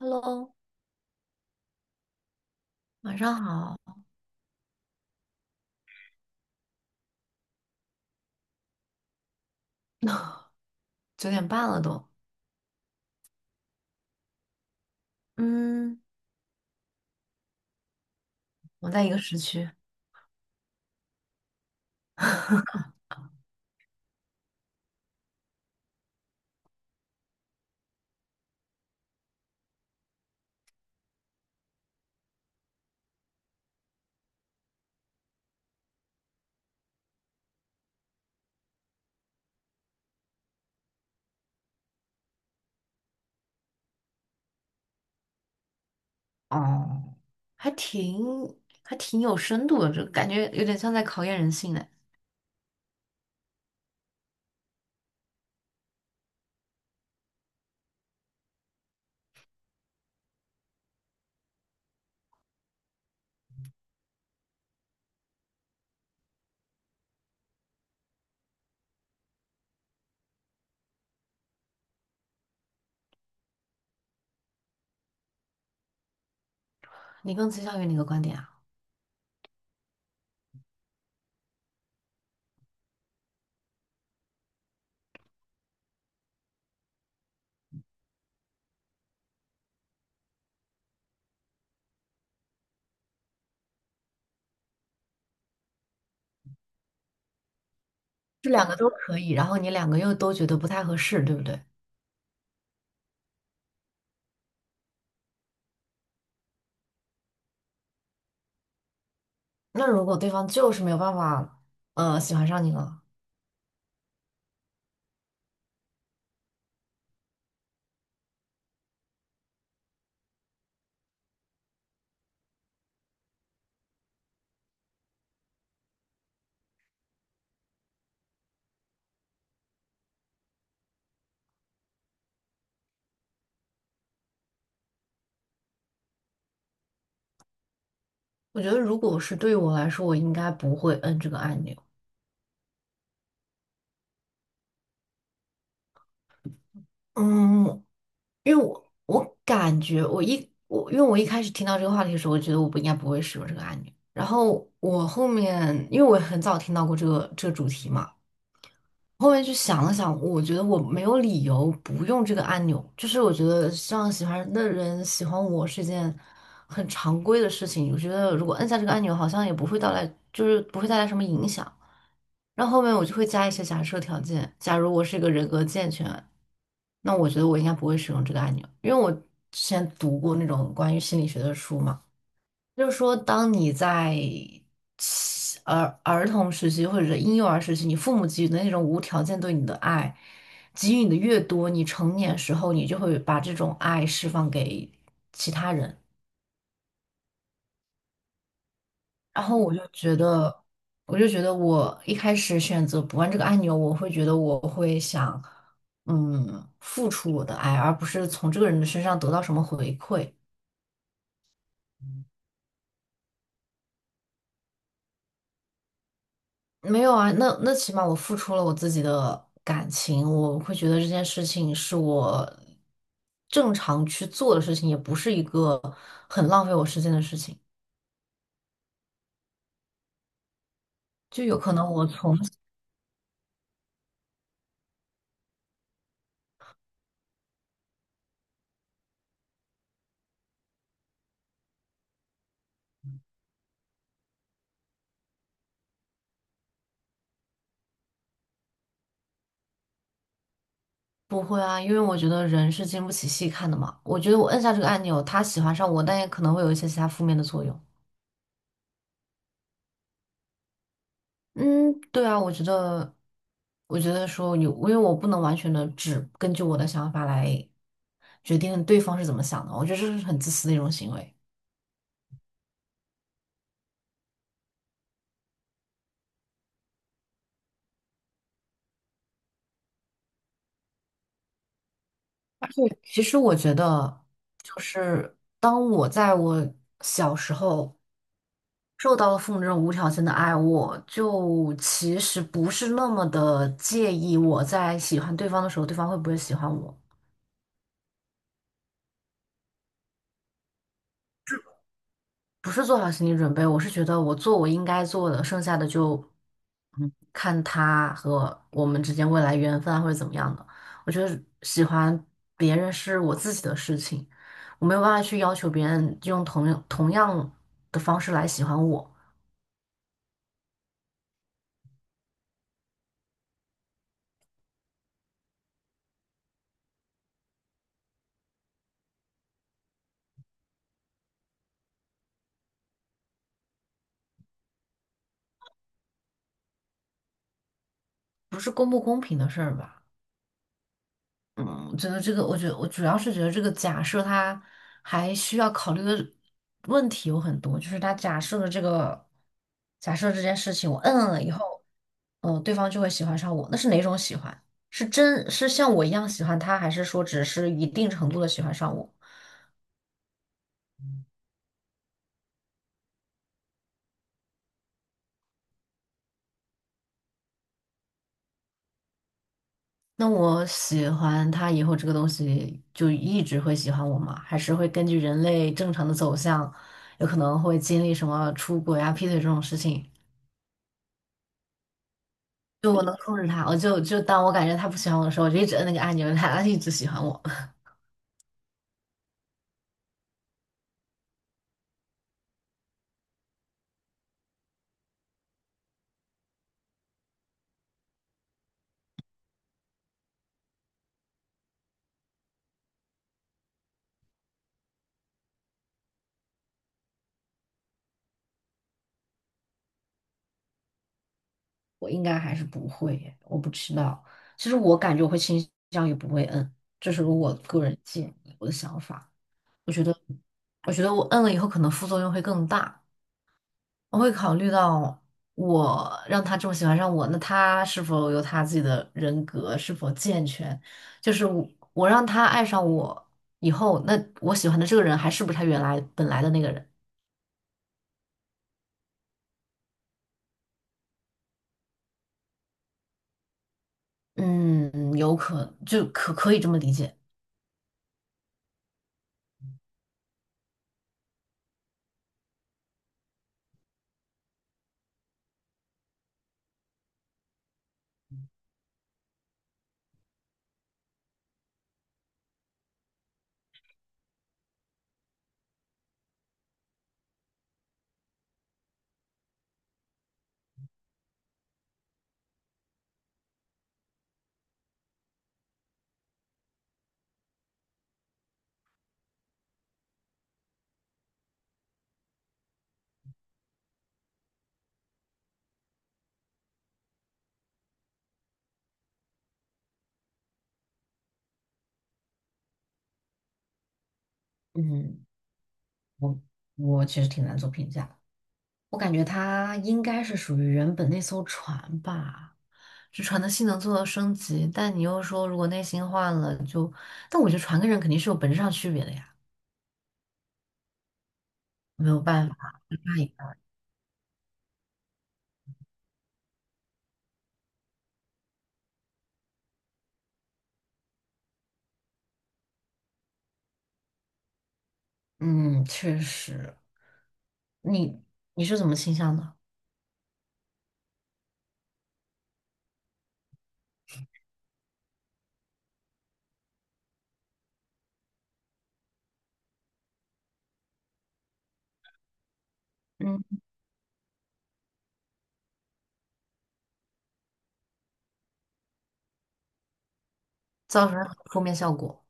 Hello，晚上好，九点半了都。嗯，我在一个时区 哦，还挺还挺有深度的，这感觉有点像在考验人性呢。你更倾向于哪个观点啊？这两个都可以，然后你两个又都觉得不太合适，对不对？那如果对方就是没有办法，喜欢上你了，我觉得如果是对于我来说，我应该不会摁这个按钮。嗯，因为我感觉我一我因为我一开始听到这个话题的时候，我觉得我不应该不会使用这个按钮。然后我后面因为我很早听到过这个主题嘛，后面去想了想，我觉得我没有理由不用这个按钮。就是我觉得像喜欢的人喜欢我是一件很常规的事情。我觉得如果按下这个按钮，好像也不会带来，就是不会带来什么影响。然后后面我就会加一些假设条件。假如我是一个人格健全，那我觉得我应该不会使用这个按钮，因为我之前读过那种关于心理学的书嘛，就是说当你在儿童时期或者是婴幼儿时期，你父母给予的那种无条件对你的爱，给予你的越多，你成年时候你就会把这种爱释放给其他人。然后我就觉得，我就觉得我一开始选择不按这个按钮，我会觉得我会想，嗯，付出我的爱，而不是从这个人的身上得到什么回馈。没有啊，那起码我付出了我自己的感情，我会觉得这件事情是我正常去做的事情，也不是一个很浪费我时间的事情。就有可能我从，不会啊，因为我觉得人是经不起细看的嘛。我觉得我摁下这个按钮，他喜欢上我，但也可能会有一些其他负面的作用。嗯，对啊，我觉得，我觉得说有，因为我不能完全的只根据我的想法来决定对方是怎么想的，我觉得这是很自私的一种行为。其实我觉得，就是当我在我小时候受到了父母这种无条件的爱，我就其实不是那么的介意我在喜欢对方的时候，对方会不会喜欢我。不是做好心理准备，我是觉得我做我应该做的，剩下的就看他和我们之间未来缘分啊或者怎么样的。我觉得喜欢别人是我自己的事情。我没有办法去要求别人用同样的方式来喜欢我。不是公不公平的事儿吧？嗯，我觉得这个，我觉得我主要是觉得这个假设它还需要考虑的问题有很多，就是他假设的这个假设这件事情，我摁了以后，嗯，对方就会喜欢上我，那是哪种喜欢？是真是像我一样喜欢他，还是说只是一定程度的喜欢上我？那我喜欢他以后，这个东西就一直会喜欢我吗？还是会根据人类正常的走向，有可能会经历什么出轨啊、劈腿这种事情？就我能控制他，我就当我感觉他不喜欢我的时候，我就一直摁那个按钮，让他 一直喜欢我。我应该还是不会耶我不知道。其实我感觉我会倾向于不会摁，这是我个人建议，我的想法。我觉得，我觉得我摁了以后可能副作用会更大。我会考虑到我让他这么喜欢上我，那他是否有他自己的人格，是否健全？就是我让他爱上我以后，那我喜欢的这个人还是不是他原来本来的那个人？嗯，有可就可可以这么理解。嗯，我我其实挺难做评价的，我感觉他应该是属于原本那艘船吧，这船的性能做了升级，但你又说如果内心换了，但我觉得船跟人肯定是有本质上区别的呀，没有办法。嗯，确实，你你是怎么倾向的？嗯，造成负面效果，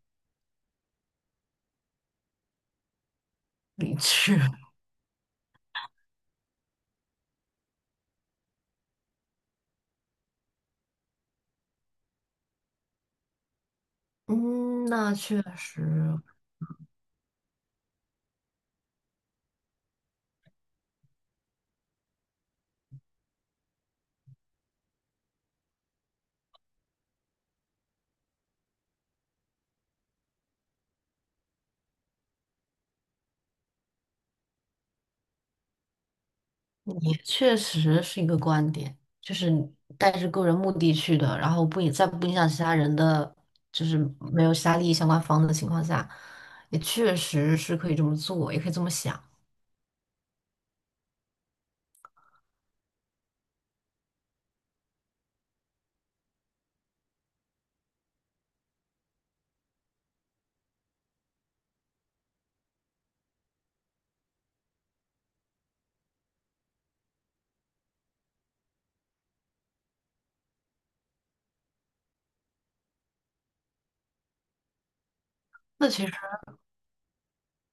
理智。嗯，那确实，确实是一个观点，就是你带着个人目的去的，然后不影响其他人的，就是没有其他利益相关方的情况下，也确实是可以这么做，也可以这么想。那其实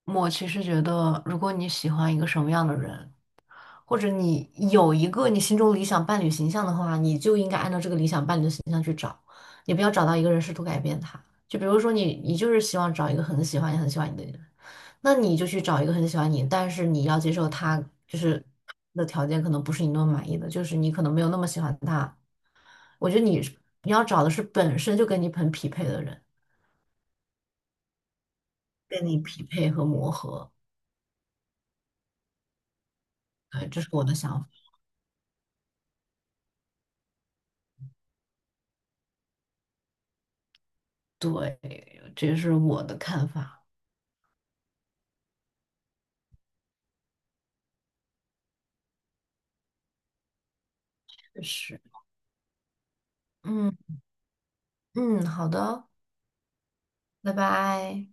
我其实觉得，如果你喜欢一个什么样的人，或者你有一个你心中理想伴侣形象的话，你就应该按照这个理想伴侣的形象去找，你不要找到一个人试图改变他。就比如说你，你就是希望找一个很喜欢你、也很喜欢你的人。那你就去找一个很喜欢你，但是你要接受他，就是他的条件可能不是你那么满意的，就是你可能没有那么喜欢他。我觉得你要找的是本身就跟你很匹配的人，跟你匹配和磨合。对，这是我的想法，这也是我的看法。确实，嗯嗯，好的，拜拜。